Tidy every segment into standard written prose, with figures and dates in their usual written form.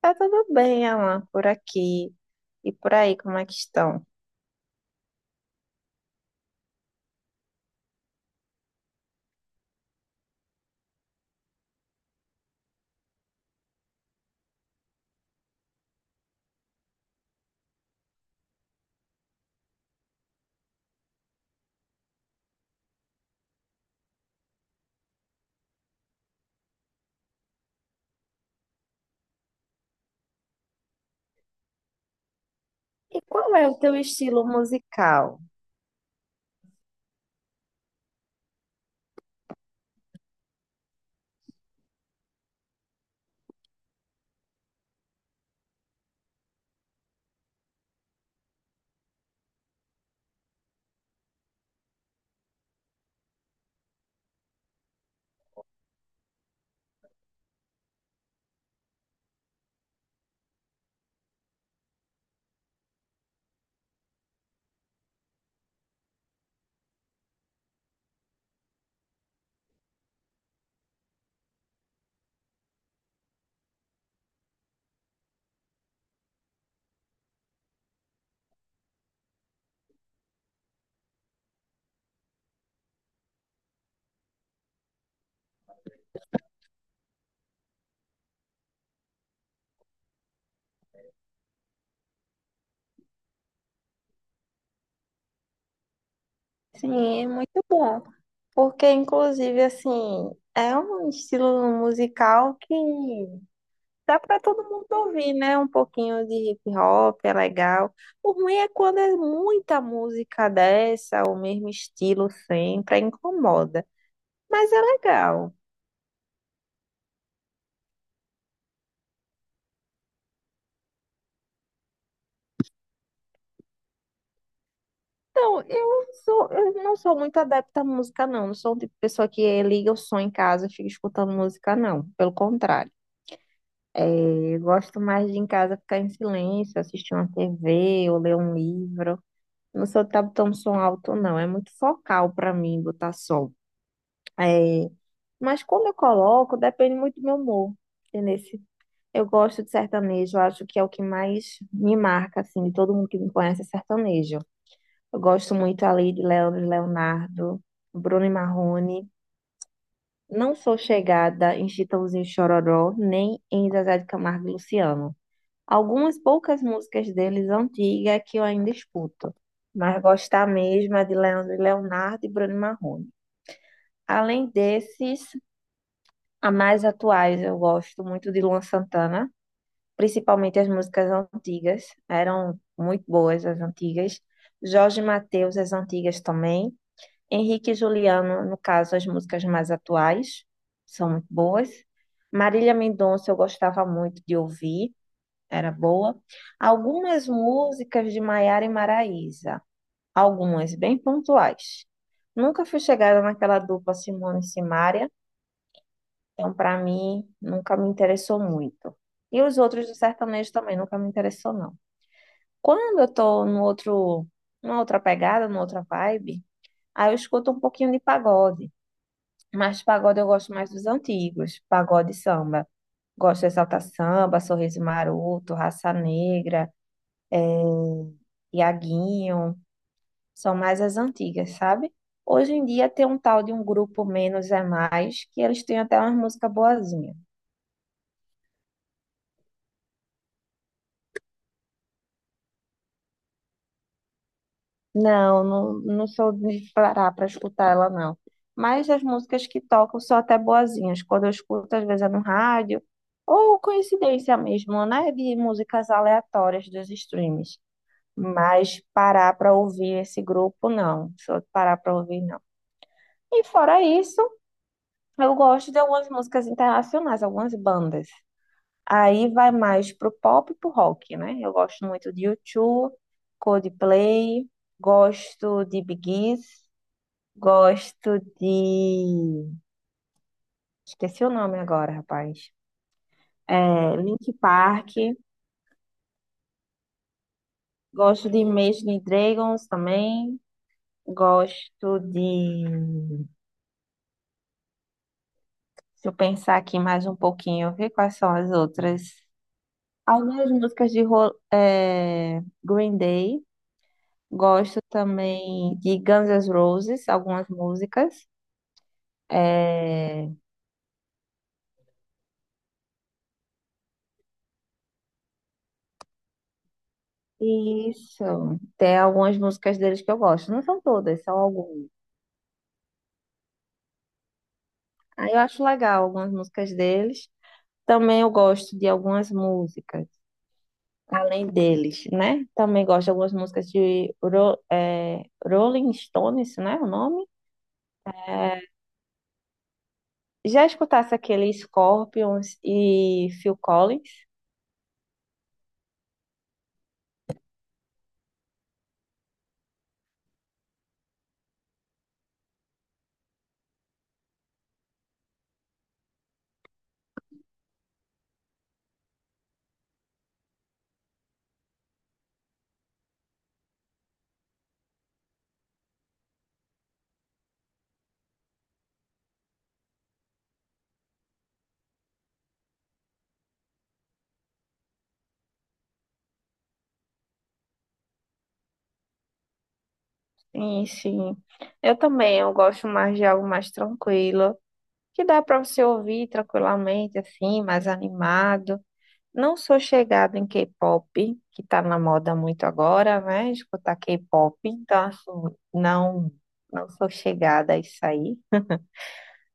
Tá tudo bem, Alan, por aqui e por aí, como é que estão? E qual é o teu estilo musical? Sim, é muito bom. Porque, inclusive, assim, é um estilo musical que dá para todo mundo ouvir, né? Um pouquinho de hip hop é legal. O ruim é quando é muita música dessa, o mesmo estilo sempre, aí incomoda. Mas é legal. Então, eu não sou muito adepta à música, não. Não sou o tipo de pessoa que liga o som em casa e fica escutando música, não. Pelo contrário. Eu gosto mais de em casa ficar em silêncio, assistir uma TV ou ler um livro. Não sou de estar tão som alto, não. É muito focal para mim botar som. É, Mas quando eu coloco, depende muito do meu humor. Entendeu? Eu gosto de sertanejo, eu acho que é o que mais me marca, assim, de todo mundo que me conhece é sertanejo. Eu gosto muito ali de Leandro e Leonardo, Bruno e Marrone. Não sou chegada em Chitãozinho e Chororó, nem em Zezé de Camargo e Luciano. Algumas poucas músicas deles antigas é que eu ainda escuto, mas gostar mesmo é de Leandro e Leonardo e Bruno e Marrone. Além desses, a mais atuais eu gosto muito de Luan Santana, principalmente as músicas antigas, eram muito boas as antigas. Jorge Mateus, as antigas também. Henrique e Juliano, no caso, as músicas mais atuais, são muito boas. Marília Mendonça, eu gostava muito de ouvir, era boa. Algumas músicas de Maiara e Maraísa, algumas bem pontuais. Nunca fui chegada naquela dupla Simone e Simaria, então, para mim, nunca me interessou muito. E os outros do sertanejo também nunca me interessou, não. Quando eu tô no outro, numa outra pegada, numa outra vibe, aí eu escuto um pouquinho de pagode. Mas de pagode eu gosto mais dos antigos, pagode e samba. Gosto de Exalta Samba, Sorriso Maroto, Raça Negra, Iaguinho. São mais as antigas, sabe? Hoje em dia tem um tal de um grupo Menos é Mais, que eles têm até umas músicas boazinhas. Não, não, não sou de parar para escutar ela, não. Mas as músicas que tocam são até boazinhas. Quando eu escuto, às vezes é no rádio, ou coincidência mesmo, né? De músicas aleatórias dos streams. Mas parar para ouvir esse grupo, não. Só parar para ouvir, não. E fora isso, eu gosto de algumas músicas internacionais, algumas bandas. Aí vai mais pro pop e pro rock, né? Eu gosto muito de U2, Coldplay, gosto de Bee Gees, gosto de... Esqueci o nome agora, rapaz. É, Linkin Park, gosto de Imagine Dragons também, gosto de... Deixa eu pensar aqui mais um pouquinho, ver quais são as outras. Algumas músicas de Green Day. Gosto também de Guns N' Roses, algumas músicas. É, isso. Tem algumas músicas deles que eu gosto. Não são todas, são algumas. Aí eu acho legal algumas músicas deles. Também eu gosto de algumas músicas, além deles, né? Também gosto de algumas músicas de é Rolling Stones, né? O nome? É, Já escutasse aquele Scorpions e Phil Collins? Sim, sim. Eu também, eu gosto mais de algo mais tranquilo, que dá para você ouvir tranquilamente, assim, mais animado. Não sou chegada em K-pop, que tá na moda muito agora, né? Escutar K-pop, então, assim, não, não sou chegada a isso aí.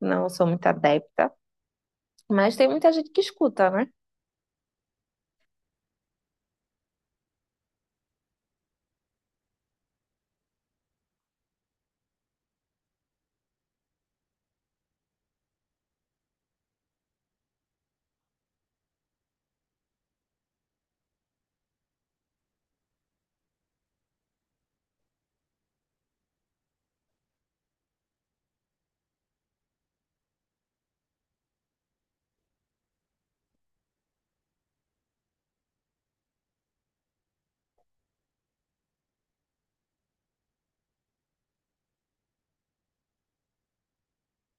Não sou muito adepta. Mas tem muita gente que escuta, né?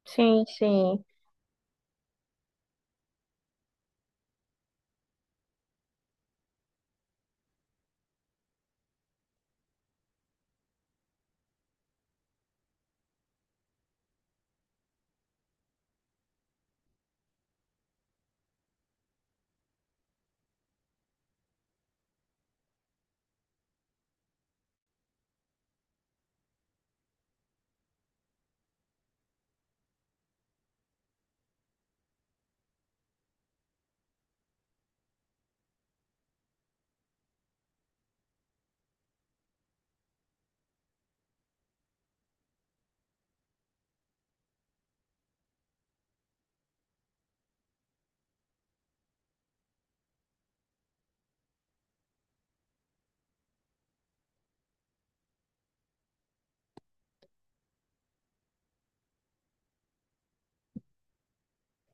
Sim, sim,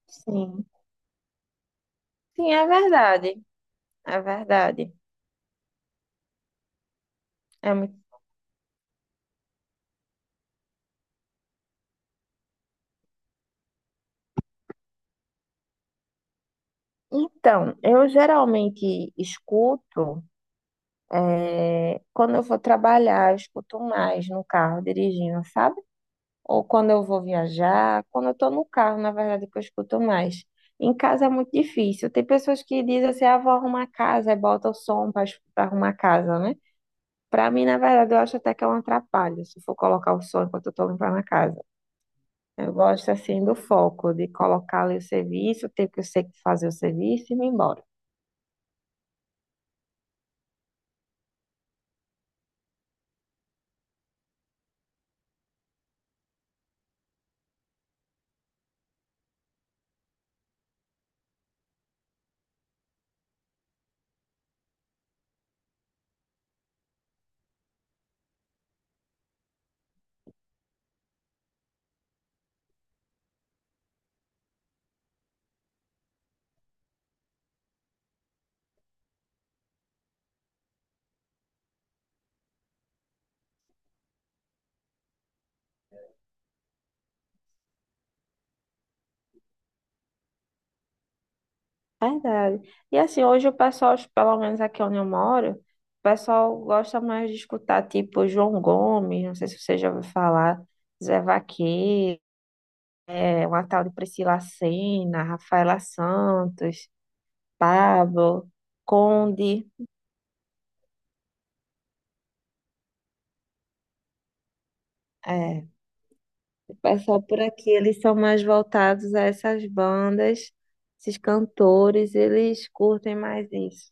sim. Sim, é verdade. É verdade. É muito Então, eu geralmente escuto, quando eu vou trabalhar, eu escuto mais no carro dirigindo, sabe? Ou quando eu vou viajar, quando eu tô no carro, na verdade, que eu escuto mais. Em casa é muito difícil. Tem pessoas que dizem assim, ah, vou arrumar a casa, e bota o som para arrumar a casa, né? Pra mim, na verdade, eu acho até que é um atrapalho se for colocar o som enquanto eu tô limpando a casa. Eu gosto, assim, do foco, de colocar ali o serviço, o tempo que eu sei que fazer o serviço e ir embora. Verdade. E assim, hoje o pessoal, pelo menos aqui onde eu moro, o pessoal gosta mais de escutar tipo João Gomes, não sei se você já ouviu falar, Zé Vaqueiro, é uma tal de Priscila Sena, Rafaela Santos, Pablo, Conde. É, o pessoal por aqui, eles são mais voltados a essas bandas, esses cantores, eles curtem mais isso.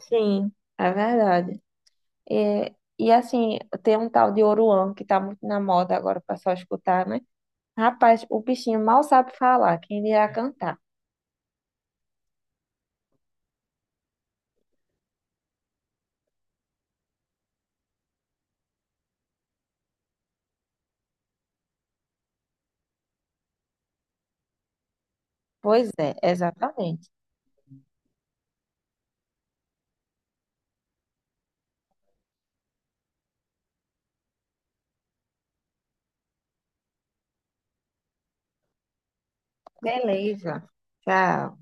Sim, é verdade. É, e assim, tem um tal de Oruan que tá muito na moda agora, o pessoal escutar, né? Rapaz, o bichinho mal sabe falar, quem irá cantar? Pois é, exatamente. Beleza. Tchau.